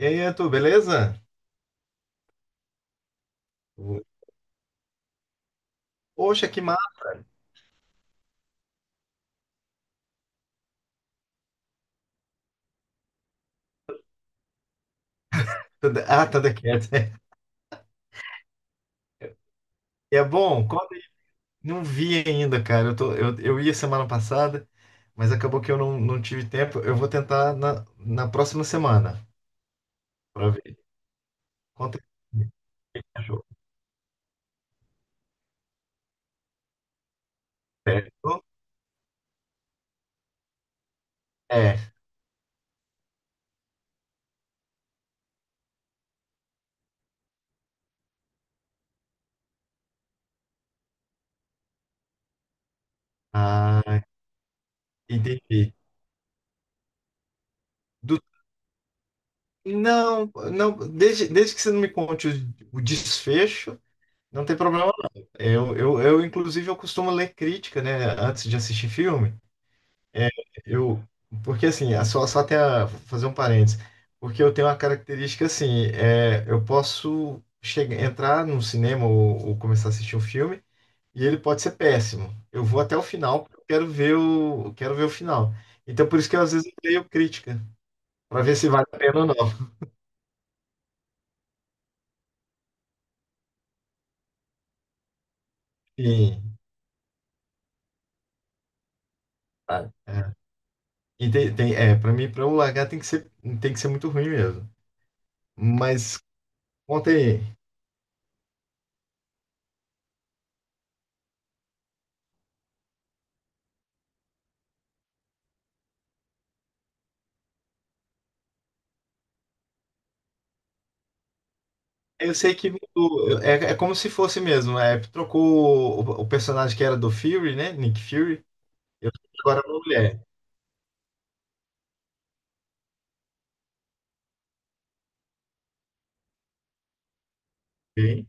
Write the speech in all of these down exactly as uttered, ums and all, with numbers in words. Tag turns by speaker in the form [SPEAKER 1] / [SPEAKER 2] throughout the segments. [SPEAKER 1] E aí, Arthur, beleza? Poxa, que massa! Thunder- Ah, Thundercats. E É bom? Conta aí. Não vi ainda, cara. Eu, tô, eu, eu ia semana passada, mas acabou que eu não, não tive tempo. Eu vou tentar na, na próxima semana pra ver. Conta aí. Achou? Certo? É. Ah, entendi. Do- não, não, desde, desde que você não me conte o, o desfecho, não tem problema não. Eu, eu, eu, inclusive, eu costumo ler crítica, né, antes de assistir filme. É, eu, Porque assim, é só, só até a- fazer um parênteses, porque eu tenho uma característica assim, é, eu posso chegar, entrar num cinema ou, ou começar a assistir um filme e ele pode ser péssimo. Eu vou até o final, porque eu quero ver o, quero ver o final. Então por isso que eu, às vezes eu leio crítica, para ver se vale a pena ou não. Sim, sabe? É, e tem, tem, é, para mim, para eu largar tem que ser, tem que ser muito ruim mesmo. Mas conta aí. Eu sei que mudou. É, é como se fosse mesmo. É, trocou o, o personagem que era do Fury, né? Nick Fury. Eu Agora é uma mulher. Ok?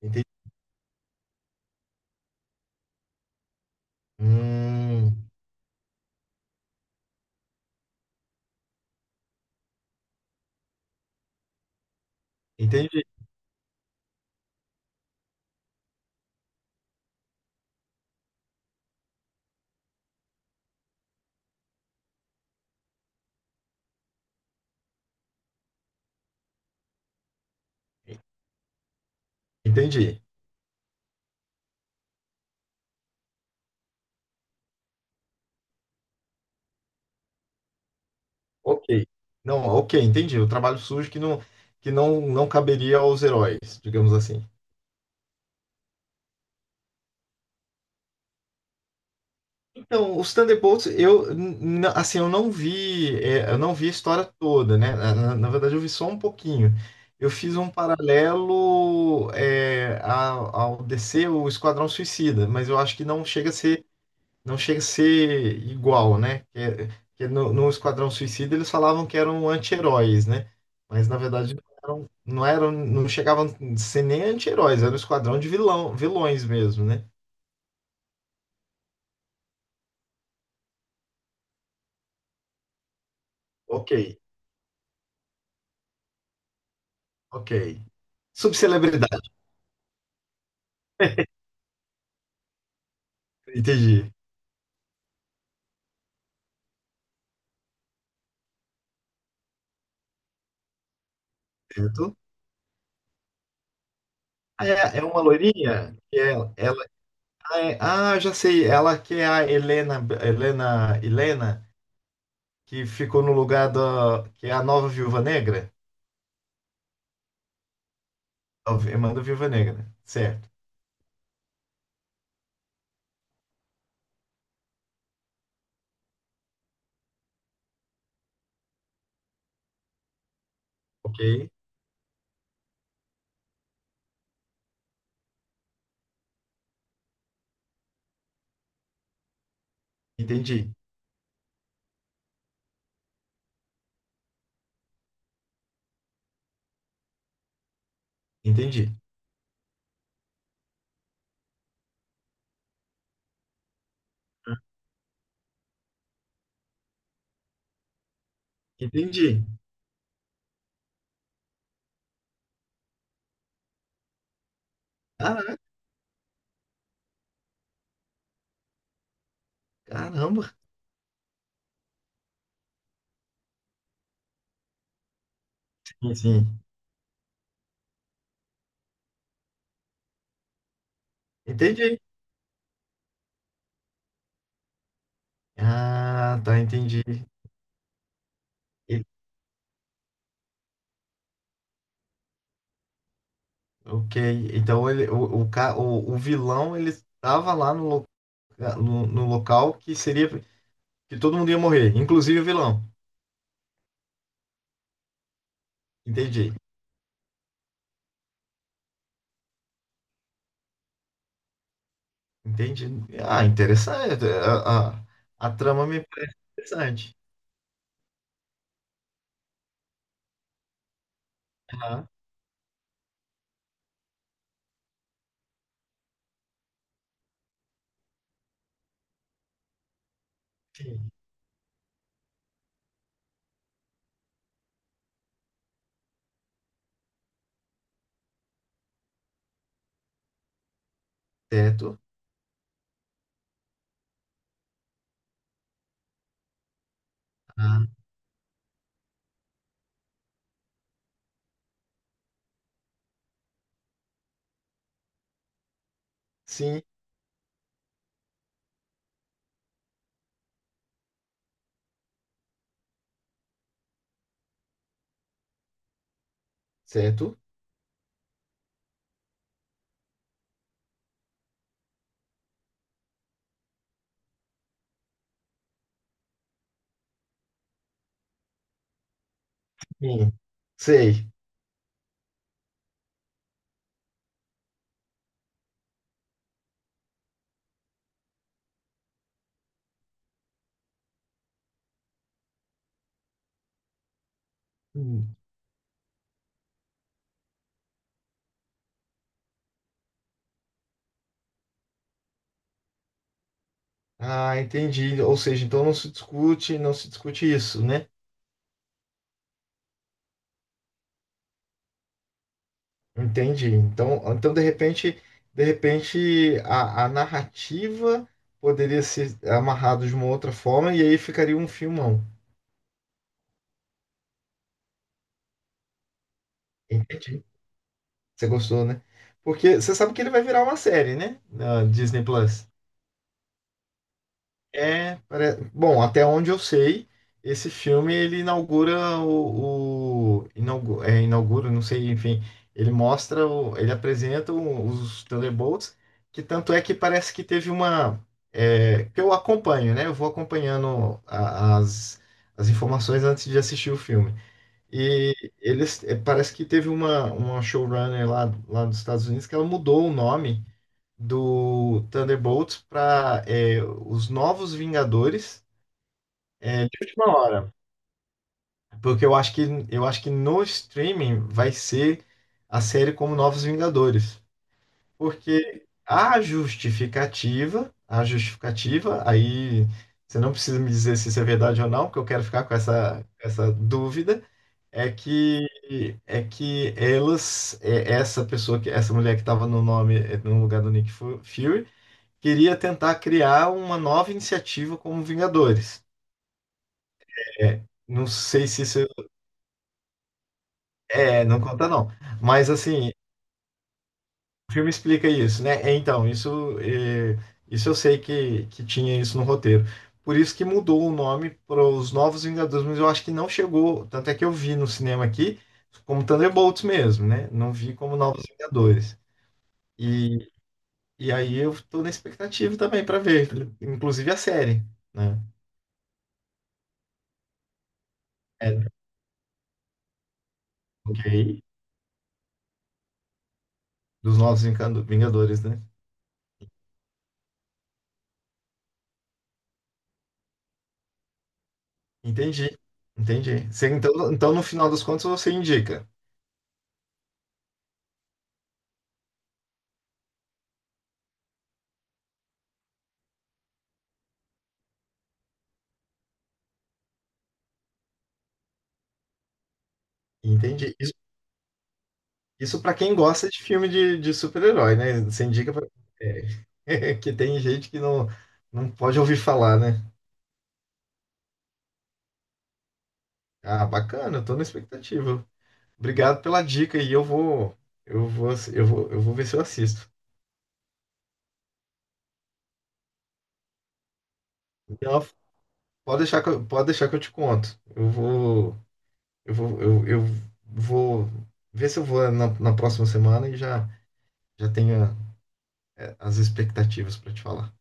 [SPEAKER 1] Entendi. Hum, entendi. Entendi. Ok. Não, ok, entendi. O trabalho sujo que não, que não, não caberia aos heróis, digamos assim. Então, os Thunderbolts, eu n- n- assim, eu não vi, é, eu não vi a história toda, né? Na, na- na verdade, eu vi só um pouquinho. Eu fiz um paralelo é, ao, ao D C, o Esquadrão Suicida, mas eu acho que não chega a ser, não chega a ser igual, né? Que, é- que é no, no Esquadrão Suicida eles falavam que eram anti-heróis, né? Mas na verdade não eram, não eram, não chegavam a ser nem anti-heróis, era um esquadrão de vilão, vilões mesmo, né? Ok, ok. Subcelebridade. Entendi. Certo? Ah, é, é uma loirinha que é, ela, ah, é- ah, já sei, ela que é a Helena, Helena, Helena, que ficou no lugar da, que é a nova Viúva Negra, a irmã da Viúva Negra, certo? Ok, entendi, entendi, entendi. Ah, caramba, sim, sim, entendi. Ah, tá, entendi. E- ok, então ele, o, o, ca- o, o vilão ele estava lá no, loca- no, no local que seria que todo mundo ia morrer, inclusive o vilão. Entendi. Entendi. Ah, interessante. A, a, a trama me é interessante. Ah, sim. Certo. Ah, sim. Certo. Sim. Sei. Hum. Ah, entendi. Ou seja, então não se discute, não se discute isso, né? Entendi. Então, então de repente, de repente a, a narrativa poderia ser amarrada de uma outra forma e aí ficaria um filmão. Entendi. Você gostou, né? Porque você sabe que ele vai virar uma série, né? Na Disney Plus. É, pare- bom, até onde eu sei, esse filme ele inaugura o, o inaugu- é, inaugura, não sei, enfim, ele mostra, o- ele apresenta o- os Thunderbolts, que tanto é que parece que teve uma é, que eu acompanho, né? Eu vou acompanhando a- as, as informações antes de assistir o filme. E eles eh, parece que teve uma, uma showrunner lá, lá dos Estados Unidos que ela mudou o nome do Thunderbolts para os Novos Vingadores eh, de última hora, porque eu acho que eu acho que no streaming vai ser a série como Novos Vingadores, porque a justificativa, a justificativa, aí você não precisa me dizer se isso é verdade ou não, porque eu quero ficar com essa essa dúvida. É que É que elas, é, essa pessoa que essa mulher que estava no nome é, no lugar do Nick Fu- Fury queria tentar criar uma nova iniciativa como Vingadores. É, não sei se isso é, é, não conta não. Mas assim, o filme explica isso, né? É, então, isso é, isso eu sei que que tinha isso no roteiro. Por isso que mudou o nome para os Novos Vingadores, mas eu acho que não chegou, tanto é que eu vi no cinema aqui como Thunderbolts mesmo, né? Não vi como Novos Vingadores. E, e aí eu tô na expectativa também pra ver, inclusive a série, né? É, ok, dos Novos Vincando- Vingadores, né? Entendi, entendi. Você, então, então, no final das contas, você indica. Entendi. Isso, isso para quem gosta de filme de, de super-herói, né? Você indica pra, é, que tem gente que não, não pode ouvir falar, né? Ah, bacana, eu tô na expectativa. Obrigado pela dica e eu vou, eu vou, eu vou, eu vou ver se eu assisto. Então, Pode deixar que eu, pode deixar que eu te conto. Eu vou, eu vou, eu, eu vou ver se eu vou na, na próxima semana e já, já tenho a- as expectativas para te falar.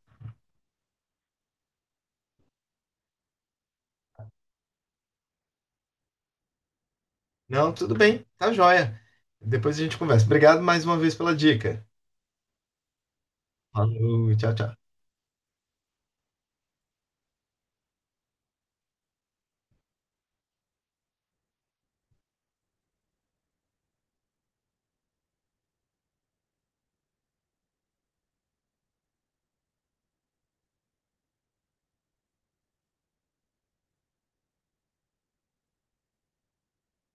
[SPEAKER 1] Não, tudo bem, tá joia. Depois a gente conversa. Obrigado mais uma vez pela dica. Falou, tchau, tchau.